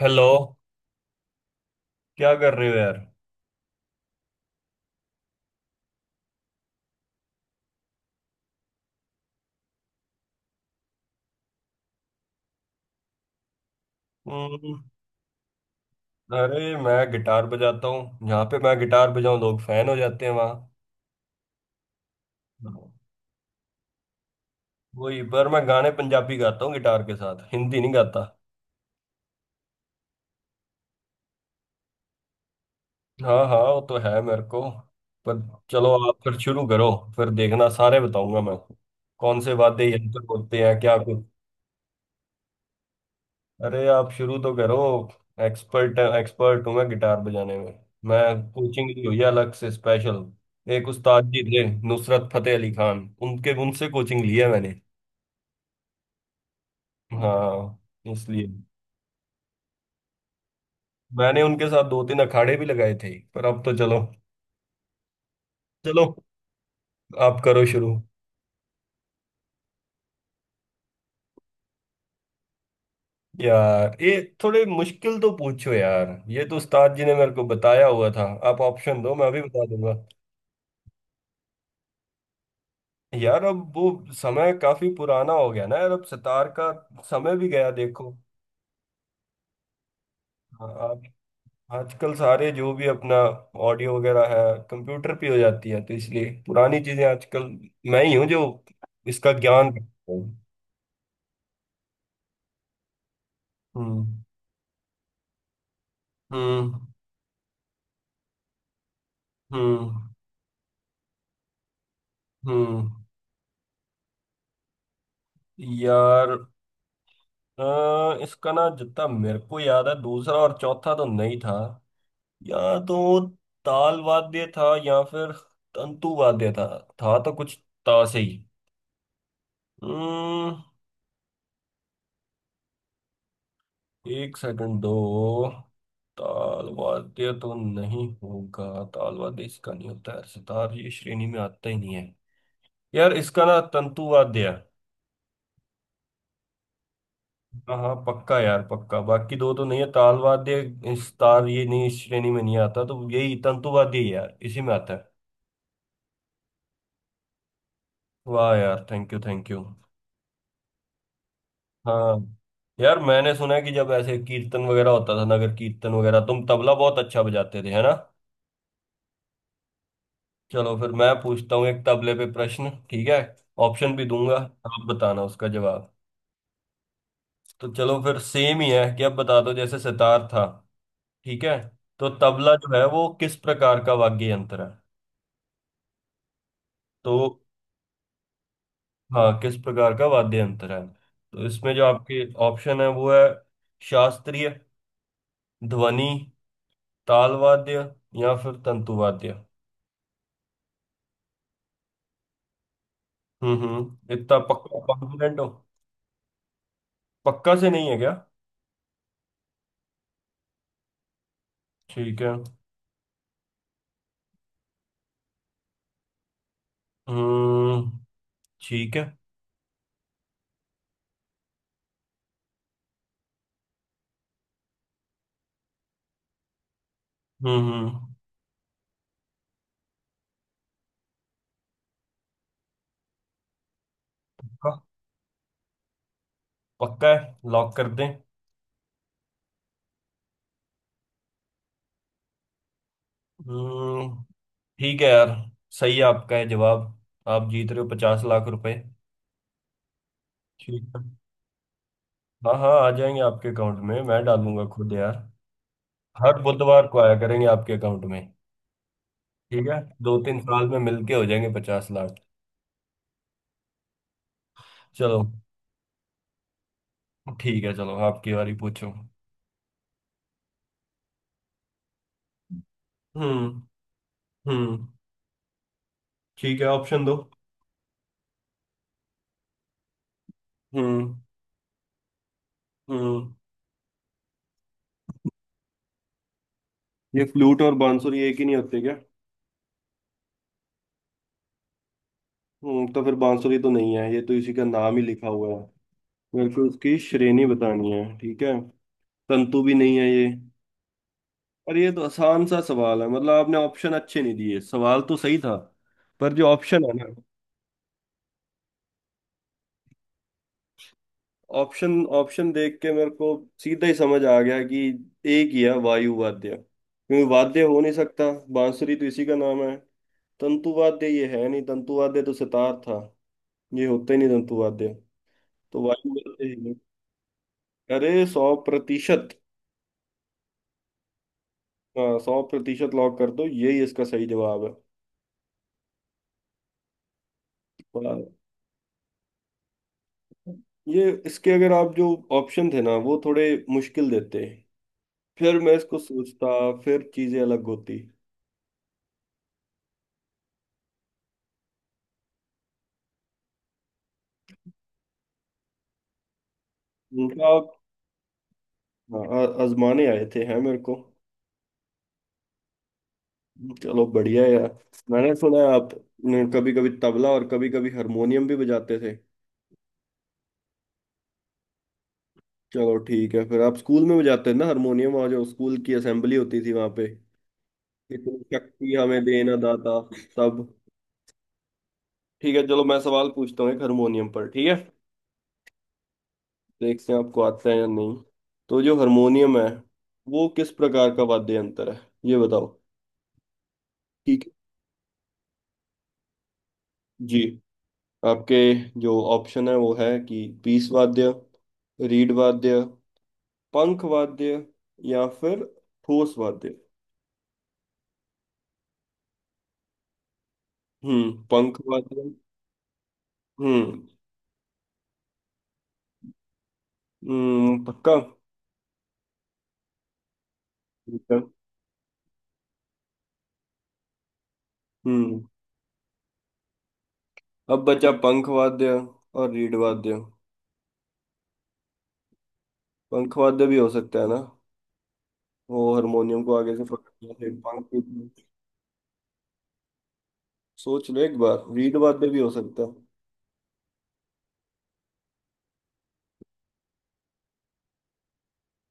Hello. क्या कर रहे हो यार। हम्म, अरे मैं गिटार बजाता हूँ। जहाँ पे मैं गिटार बजाऊँ, लोग फैन हो जाते हैं वहाँ। वही पर मैं गाने पंजाबी गाता हूँ गिटार के साथ, हिंदी नहीं गाता। हाँ हाँ, वो तो है मेरे को। पर चलो, आप फिर शुरू करो। फिर देखना सारे बताऊंगा मैं, कौन से वाद्य यंत्र बोलते हैं क्या। अरे आप शुरू तो करो। एक्सपर्ट एक्सपर्ट हूँ मैं गिटार बजाने में। मैं कोचिंग ली हुई है अलग से स्पेशल। एक उस्ताद जी थे नुसरत फतेह अली खान, उनके उनसे कोचिंग ली है मैंने। हाँ, इसलिए। मैंने उनके साथ दो तीन अखाड़े भी लगाए थे, पर अब तो चलो। चलो आप करो शुरू। यार, ये थोड़े मुश्किल तो पूछो यार। ये तो उस्ताद जी ने मेरे को बताया हुआ था। आप ऑप्शन दो, मैं भी बता दूंगा। यार अब वो समय काफी पुराना हो गया ना यार। अब सितार का समय भी गया, देखो। हाँ, आप आजकल सारे जो भी अपना ऑडियो वगैरह है, कंप्यूटर पे हो जाती है। तो इसलिए पुरानी चीजें आजकल मैं ही हूँ जो इसका ज्ञान रखता हूँ। हम्म। हम्म। हम्म। हम्म। यार इसका ना, जितना मेरे को याद है, दूसरा और चौथा तो नहीं था। या तो ताल वाद्य था, या फिर तंतु वाद्य था। था तो कुछ ता से ही। हम्म। 1 सेकंड दो। ताल वाद्य तो नहीं होगा। ताल वाद्य इसका नहीं होता है, सितार ये श्रेणी में आता ही नहीं है। यार इसका ना तंतु वाद्य है। हाँ हाँ पक्का यार, पक्का। बाकी दो तो नहीं है। ताल वाद्य, इस तार ये नहीं, इस श्रेणी में नहीं आता। तो यही तंतु वाद्य ही है यार, इसी में आता है। वाह यार, थैंक यू थैंक यू। हाँ यार, मैंने सुना है कि जब ऐसे कीर्तन वगैरह होता था, नगर कीर्तन वगैरह, तुम तबला बहुत अच्छा बजाते थे है ना। चलो फिर मैं पूछता हूँ एक तबले पे प्रश्न, ठीक है। ऑप्शन भी दूंगा, आप बताना उसका जवाब। तो चलो, फिर सेम ही है कि अब बता दो जैसे सितार था। ठीक है। तो तबला जो है वो किस प्रकार का वाद्य यंत्र है। तो हाँ, किस प्रकार का वाद्य यंत्र है, तो इसमें जो आपके ऑप्शन है वो है शास्त्रीय, ध्वनि, ताल वाद्य, या फिर तंतु वाद्य। हम्म, इतना पक्का कॉन्फिडेंट हो। पक्का से नहीं है क्या। ठीक है। हम्म। ठीक है। हम्म, पक्का। पक्का है, लॉक कर दें। हम्म। ठीक है यार, सही है आपका है जवाब। आप जीत रहे हो 50 लाख रुपए, ठीक है। हाँ हाँ, आ जाएंगे आपके अकाउंट में, मैं डालूंगा खुद यार। हर बुधवार को आया करेंगे आपके अकाउंट में। ठीक है, दो तीन साल में मिलके हो जाएंगे 50 लाख। चलो ठीक है, चलो आपकी बारी पूछो। हम्म। हम्म। ठीक है, ऑप्शन दो। हम्म। हम्म। ये फ्लूट और बांसुरी एक ही नहीं होते क्या। हम्म, तो फिर बांसुरी तो नहीं है, ये तो इसी का नाम ही लिखा हुआ है। मेरे को उसकी श्रेणी बतानी है, ठीक है। तंतु भी नहीं है ये। और ये तो आसान सा सवाल है, मतलब आपने ऑप्शन अच्छे नहीं दिए, सवाल तो सही था। पर जो ऑप्शन है ना, ऑप्शन ऑप्शन देख के मेरे को सीधा ही समझ आ गया कि एक ही है वायु वाद्य। क्योंकि वाद्य हो नहीं सकता, बांसुरी तो इसी का नाम है, तंतु वाद्य ये है नहीं। तंतु वाद्य तो सितार था, ये होता ही नहीं तंतु वाद्य। तो भाई बोलते हैं, अरे 100%। हाँ सौ प्रतिशत, लॉक कर दो यही इसका सही जवाब है। पर ये, इसके अगर आप जो ऑप्शन थे ना, वो थोड़े मुश्किल देते, फिर मैं इसको सोचता, फिर चीजें अलग होती। उनका आप, हाँ, आजमाने आए थे हैं मेरे को। चलो बढ़िया है यार। मैंने सुना है आप कभी कभी तबला और कभी कभी हारमोनियम भी बजाते थे। चलो ठीक है, फिर आप स्कूल में बजाते थे ना हारमोनियम, और जो स्कूल की असेंबली होती थी वहां पे कि तू शक्ति हमें देना दाता, सब। ठीक है, चलो मैं सवाल पूछता हूँ एक हारमोनियम पर, ठीक है। देखते हैं आपको आता है या नहीं। तो जो हारमोनियम है, वो किस प्रकार का वाद्य यंत्र है, ये बताओ। ठीक है जी, आपके जो ऑप्शन है वो है कि पीस वाद्य, रीड वाद्य, पंख वाद्य, या फिर ठोस वाद्य। हम्म, पंख वाद्य। हम्म पक्का। ठीक है। हम्म। अब बचा पंख वाद्य और रीड वाद्य। पंखवाद्य भी हो सकता है ना, वो हारमोनियम को आगे से पकड़ लिया फिर पंख। सोच लो एक बार, रीड वाद्य भी हो सकता है।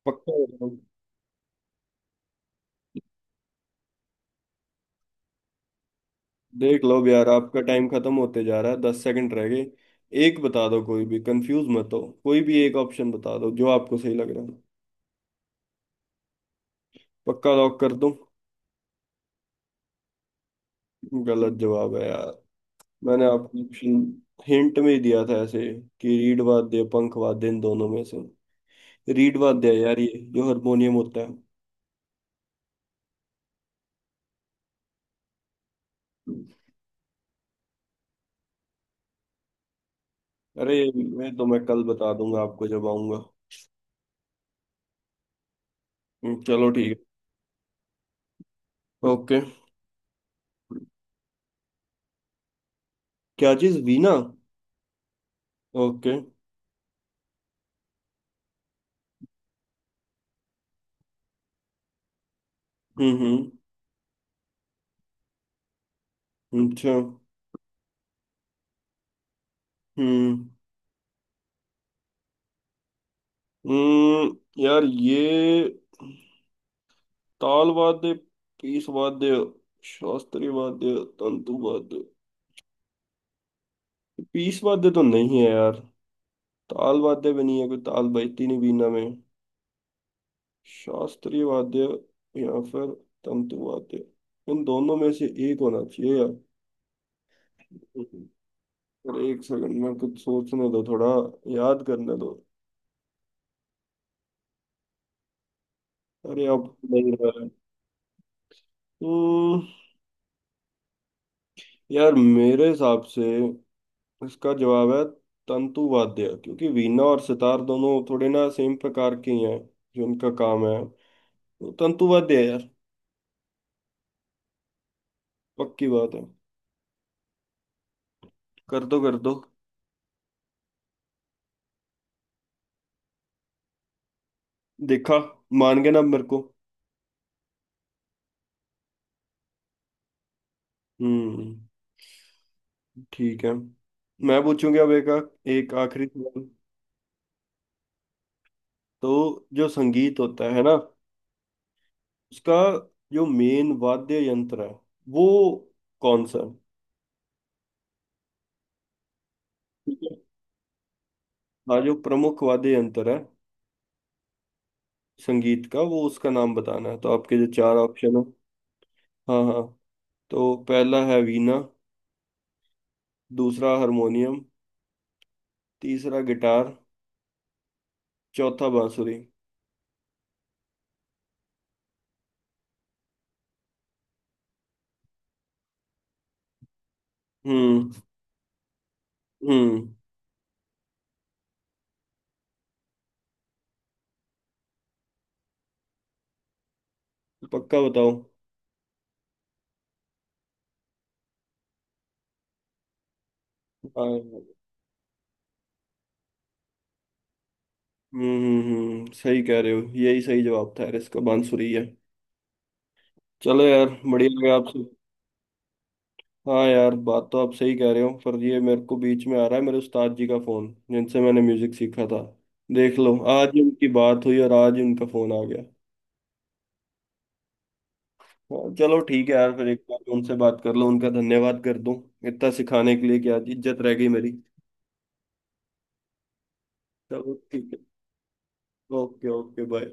पक्का बताओ। देख लो अब यार, आपका टाइम खत्म होते जा रहा है, 10 सेकंड रह गए। एक बता दो, कोई भी कंफ्यूज मत हो, कोई भी एक ऑप्शन बता दो जो आपको सही लग रहा है। पक्का लॉक कर दूं। गलत जवाब है यार। मैंने आपको ऑप्शन हिंट में ही दिया था ऐसे, कि रीड वाद्य पंख वाद्य इन दोनों में से रीड वाद्य है यार, ये जो हारमोनियम होता है। अरे, मैं तो मैं कल बता दूंगा आपको जब आऊंगा। चलो ठीक है। ओके। क्या चीज वीणा। ओके। हम्म। अच्छा। हम्म। हम्म। यार ये ताल वाद्य, पीस वाद्य, शास्त्रीय वाद्य, तंतु वाद्य। पीस वाद्य तो नहीं है यार, ताल वाद्य भी नहीं है, कोई ताल बजती नहीं वीणा में। शास्त्रीय वाद्य या फिर तंतु वाद्य, इन दोनों में से एक होना चाहिए। यार, अरे 1 सेकंड, मैं कुछ सोचने दो थोड़ा, याद करने दो। अरे अब नहीं आ रहा है। हम्म, यार मेरे हिसाब से इसका जवाब है तंतु वाद्य, क्योंकि वीणा और सितार दोनों थोड़े ना सेम प्रकार के ही हैं, जो उनका काम है। तो तंतु वाद्य है यार। पक्की बात है। कर दो कर दो। देखा, मान गए ना आप मेरे को। हम्म। ठीक है, मैं पूछूंगा अब एक, एक आखिरी सवाल। तो जो संगीत होता है ना, उसका जो मेन वाद्य यंत्र है वो कौन सा है। ठीक है। हाँ, जो प्रमुख वाद्य यंत्र है संगीत का, वो उसका नाम बताना है। तो आपके जो चार ऑप्शन है, हाँ हाँ, तो पहला है वीणा, दूसरा हारमोनियम, तीसरा गिटार, चौथा बांसुरी। हम्म। हम्म। पक्का बताओ। हाँ। हम्म। हम्म। सही कह रहे हो, यही सही जवाब था यार, इसका बांसुरी है। चलो यार, बढ़िया लगा आपसे। हाँ यार, बात तो आप सही कह रहे हो, पर ये मेरे को बीच में आ रहा है मेरे उस्ताद जी का फोन, जिनसे मैंने म्यूजिक सीखा था। देख लो, आज ही उनकी बात हुई और आज ही उनका फोन आ गया। हाँ, चलो ठीक है यार, फिर एक बार उनसे बात कर लो, उनका धन्यवाद कर दूं इतना सिखाने के लिए, कि आज इज्जत रह गई मेरी। चलो ठीक है। Okay okay, bye.